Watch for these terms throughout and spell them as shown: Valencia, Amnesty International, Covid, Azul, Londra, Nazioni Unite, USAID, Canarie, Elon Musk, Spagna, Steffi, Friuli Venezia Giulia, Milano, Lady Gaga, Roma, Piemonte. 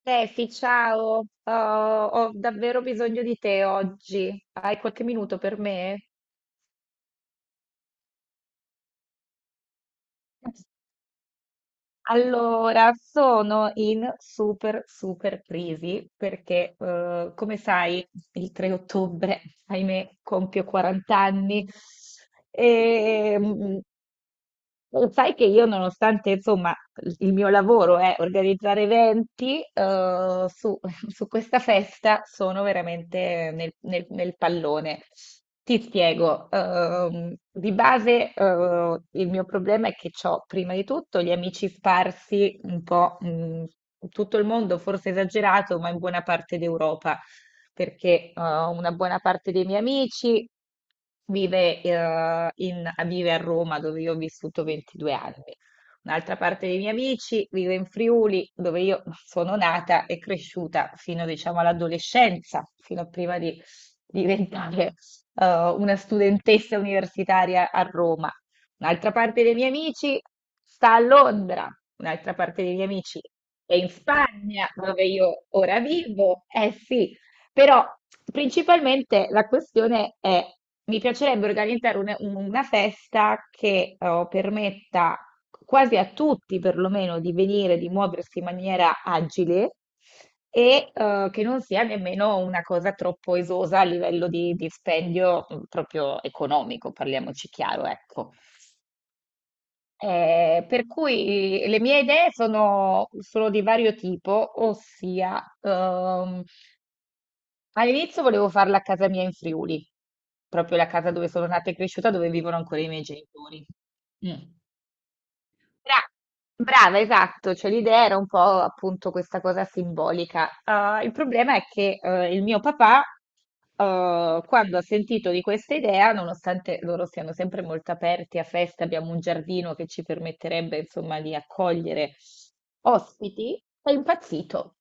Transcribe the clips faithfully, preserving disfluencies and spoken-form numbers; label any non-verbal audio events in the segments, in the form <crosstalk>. Steffi, ciao. Oh, ho davvero bisogno di te oggi. Hai qualche minuto per me? Allora, sono in super, super crisi perché, eh, come sai, il tre ottobre, ahimè, compio quaranta anni e mm, lo Sai che io, nonostante, insomma, il mio lavoro è organizzare eventi, eh, su, <laughs> su questa festa sono veramente nel, nel- nel pallone. Ti spiego, ehm, di base, eh, il mio problema è che ho prima di tutto gli amici sparsi un po' mh, in tutto il mondo, forse esagerato, ma in buona parte d'Europa, perché eh, una buona parte dei miei amici vive, eh, in- vive a Roma, dove io ho vissuto ventidue anni. Un'altra parte dei miei amici vive in Friuli, dove io sono nata e cresciuta fino, diciamo, all'adolescenza, fino a prima di diventare eh, una studentessa universitaria a Roma, un'altra parte dei miei amici sta a Londra, un'altra parte dei miei amici è in Spagna, dove io ora vivo. Eh sì, però principalmente la questione è, mi piacerebbe organizzare un- una festa che eh, permetta quasi a tutti perlomeno di venire, di muoversi in maniera agile e eh, che non sia nemmeno una cosa troppo esosa a livello di dispendio mm, proprio economico, parliamoci chiaro, ecco. Eh, per cui eh, le mie idee sono, sono di vario tipo, ossia ehm, all'inizio volevo farla a casa mia in Friuli, proprio la casa dove sono nata e cresciuta, dove vivono ancora i miei genitori. Mm. Bra- Brava, esatto, cioè l'idea era un po' appunto questa cosa simbolica. Ah, il problema è che eh, il mio papà, eh, quando ha sentito di questa idea, nonostante loro siano sempre molto aperti a feste, abbiamo un giardino che ci permetterebbe insomma di accogliere ospiti, è impazzito.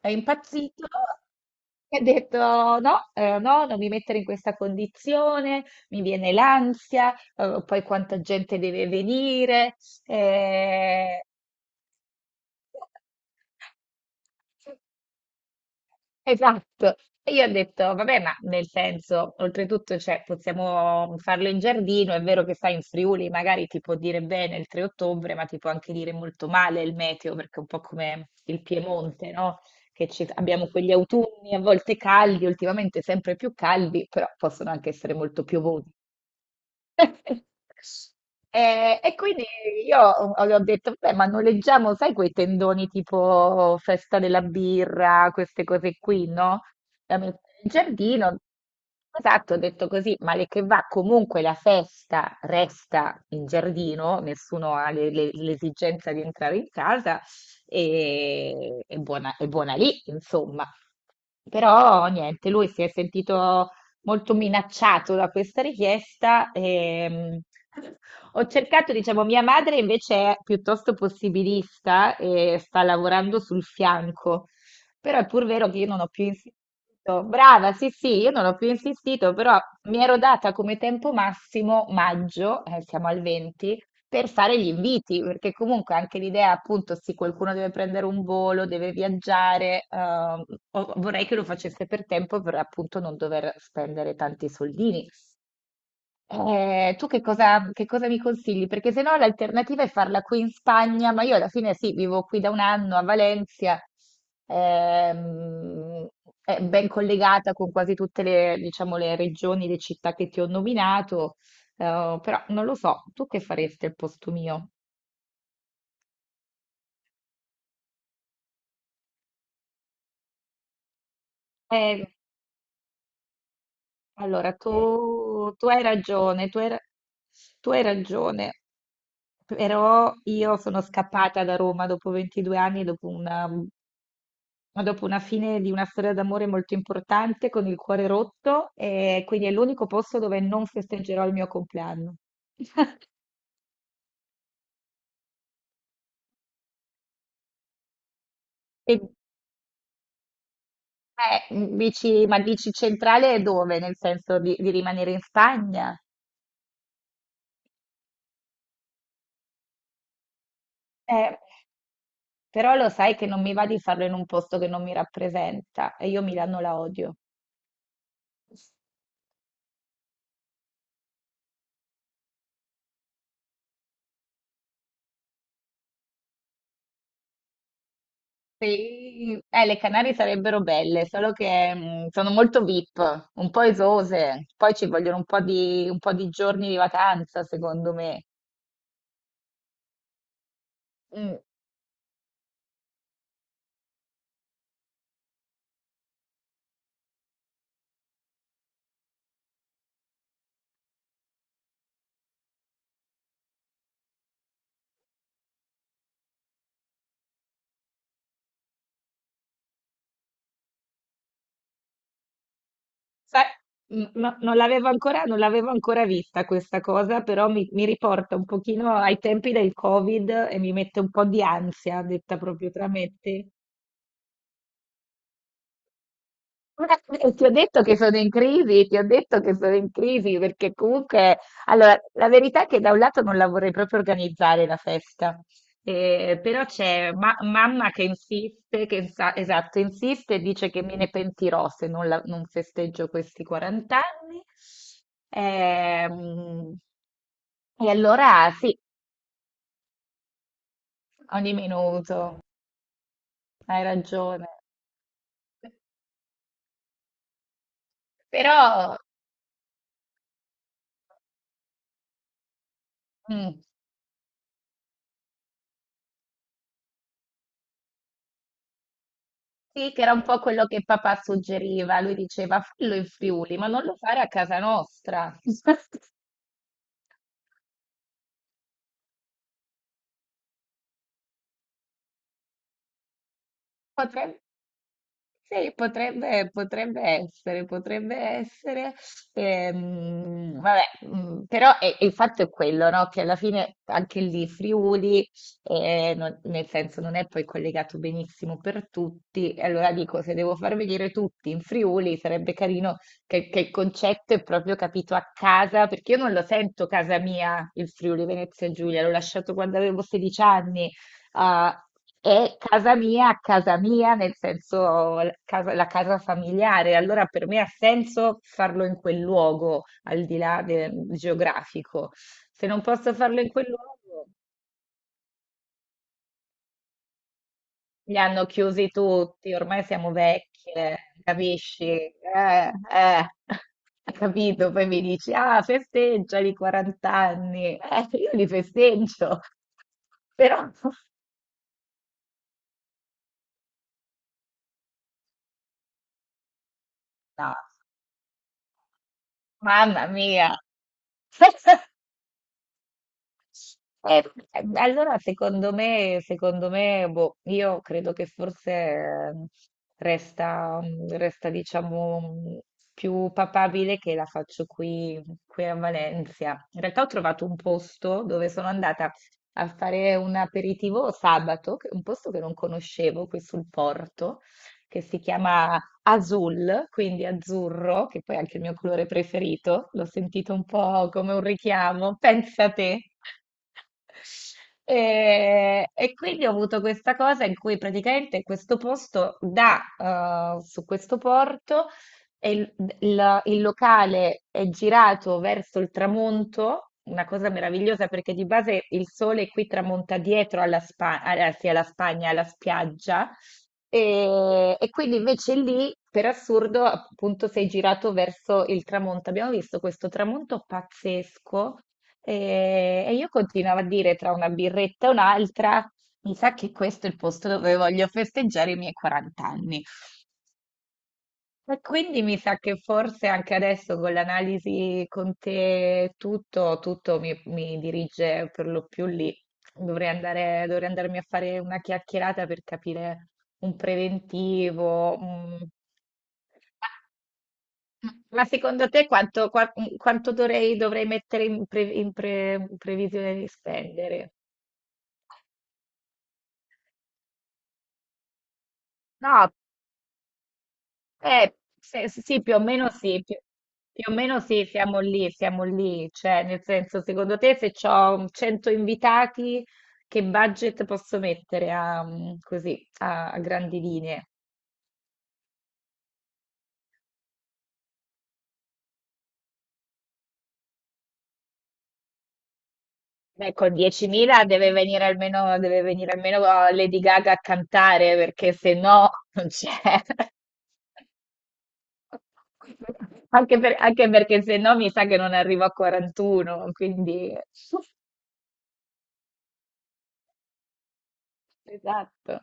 È impazzito e ha detto no, eh, no, non mi mettere in questa condizione, mi viene l'ansia, eh, poi quanta gente deve venire. Eh, Esatto. E io ho detto, vabbè, ma nel senso, oltretutto, cioè, possiamo farlo in giardino, è vero che sai, in Friuli magari ti può dire bene il tre ottobre, ma ti può anche dire molto male il meteo, perché è un po' come il Piemonte, no? Che ci- abbiamo quegli autunni a volte caldi, ultimamente sempre più caldi, però possono anche essere molto piovosi. <laughs> E, e quindi io ho- le ho detto, beh, ma noleggiamo, sai, quei tendoni tipo festa della birra, queste cose qui, no? Da mettere in giardino. Esatto, ho detto così, male che va, comunque la festa resta in giardino, nessuno ha le- le- l'esigenza di entrare in casa e è buona, è buona lì, insomma. Però niente, lui si è sentito molto minacciato da questa richiesta. Ehm, ho cercato, diciamo, mia madre invece è piuttosto possibilista e sta lavorando sul fianco, però è pur vero che io non ho più insistito. Brava, sì, sì, io non ho più insistito, però mi ero data come tempo massimo maggio, eh, siamo al venti, per fare gli inviti, perché comunque anche l'idea, appunto, sì, qualcuno deve prendere un volo, deve viaggiare, ehm, o- vorrei che lo facesse per tempo per appunto non dover spendere tanti soldini. Eh, tu che cosa, che cosa mi consigli? Perché se no l'alternativa è farla qui in Spagna, ma io alla fine sì, vivo qui da un anno a Valencia, ehm, è ben collegata con quasi tutte le, diciamo, le regioni, le città che ti ho nominato, eh, però non lo so, tu che faresti al posto mio? Eh, allora, tu, tu hai ragione, tu hai, ra- tu hai ragione, però io sono scappata da Roma dopo ventidue anni, dopo una, dopo una fine di una storia d'amore molto importante, con il cuore rotto, e quindi è l'unico posto dove non festeggerò il mio compleanno. E, eh, dici, ma dici centrale è dove? Nel senso di, di rimanere in Spagna? Eh, Però lo sai che non mi va di farlo in un posto che non mi rappresenta e io Milano la odio. Sì, eh, le Canarie sarebbero belle, solo che mh, sono molto VIP, un po' esose, poi ci vogliono un po' di, un po' di giorni di vacanza, secondo me. Mm, sai, mm, no- non l'avevo ancora, non l'avevo ancora vista questa cosa, però mi, mi riporta un pochino ai tempi del Covid e mi mette un po' di ansia, detta proprio tra me e te. Ma- Eh, Ti ho detto che sono in crisi, ti ho detto che sono in crisi perché comunque, allora, la verità è che da un lato non la vorrei proprio organizzare la festa, eh, però c'è ma- mamma che insiste, che sa- esatto, insiste e dice che me ne pentirò se non, la- non festeggio questi quaranta anni. Ehm, e allora sì, ogni minuto, hai ragione. Però. mm. Sì, che era un po' quello che papà suggeriva. Lui diceva: fallo in Friuli, ma non lo fare a casa nostra. <laughs> Potrebbe Sì, potrebbe, potrebbe essere, potrebbe essere, ehm, vabbè, mm, però è- il fatto è quello, no? Che alla fine anche lì Friuli, eh, non- nel senso non è poi collegato benissimo per tutti, e allora dico, se devo far venire tutti in Friuli sarebbe carino che, che il concetto è proprio capito a casa, perché io non lo sento casa mia, il Friuli Venezia Giulia, l'ho lasciato quando avevo sedici anni. Ah, è casa mia, casa mia, nel senso la casa, la casa, familiare, allora per me ha senso farlo in quel luogo, al di là del geografico. Se non posso farlo in quel luogo, li hanno chiusi tutti, ormai siamo vecchie, capisci? Eh, eh. <laughs> Capito? Poi mi dici, ah, festeggia i quaranta anni. Eh, io li festeggio, però <laughs> no, mamma mia. <laughs> Eh, eh, allora, secondo me, secondo me, boh, io credo che forse eh, resta, mm, resta, diciamo, mm, più papabile che la faccio qui, qui a Valencia. In realtà ho trovato un posto dove sono andata a fare un aperitivo sabato, che- un posto che non conoscevo qui sul porto, che si chiama azul, quindi azzurro, che poi è anche il mio colore preferito, l'ho sentito un po' come un richiamo, pensa te. E, e quindi ho avuto questa cosa in cui praticamente questo posto dà eh, su questo porto e il, il- il locale è girato verso il tramonto, una cosa meravigliosa perché di base il sole qui tramonta dietro alla, Spa- alla- sì, alla Spagna, alla spiaggia, e, e quindi invece lì, per assurdo, appunto sei girato verso il tramonto. Abbiamo visto questo tramonto pazzesco eh, e io continuavo a dire tra una birretta e un'altra, mi sa che questo è il posto dove voglio festeggiare i miei quaranta anni. E quindi mi sa che forse anche adesso con l'analisi con te tutto, tutto mi, mi dirige per lo più lì. Dovrei andare, dovrei andarmi a fare una chiacchierata per capire un preventivo. un- Ma ma secondo te quanto, qua- quanto dovrei, dovrei mettere in, pre- in pre- in previsione di spendere? No, Eh, se- sì, più o meno sì, più, più o meno sì, siamo lì, siamo lì, cioè nel senso, secondo te se ho cento invitati, che budget posso mettere a, mm, così, a, a grandi linee? Beh, con diecimila deve venire almeno, deve venire almeno oh, Lady Gaga a cantare, perché se no non c'è. <laughs> Anche, per- anche perché se no mi sa che non arrivo a quarantuno, quindi. <laughs> Esatto.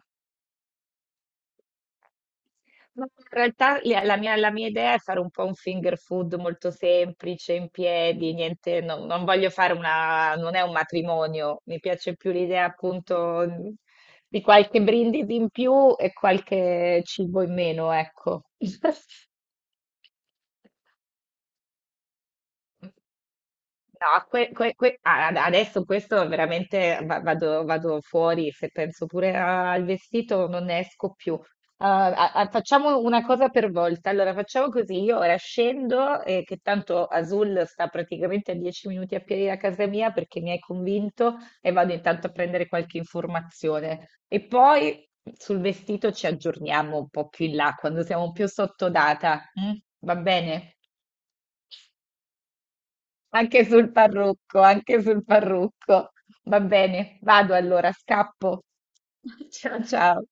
Ma in realtà le- la mia, la mia idea è fare un po' un finger food molto semplice, in piedi, niente, no- non voglio fare una, non è un matrimonio, mi piace più l'idea appunto mm, di qualche brindisi in più e qualche cibo in meno, ecco. <laughs> No, que- que- que- a- ad- adesso questo veramente va- vado, vado fuori, se penso pure a- al vestito non ne esco più. Ah, a- a- facciamo una cosa per volta, allora facciamo così, io ora scendo, eh, che tanto Azul sta praticamente a dieci minuti a piedi da casa mia perché mi hai convinto e vado intanto a prendere qualche informazione. E poi sul vestito ci aggiorniamo un po' più in là, quando siamo più sotto data, mm? Va bene? Anche sul parrucco, anche sul parrucco. Va bene, vado allora, scappo. <laughs> Ciao ciao.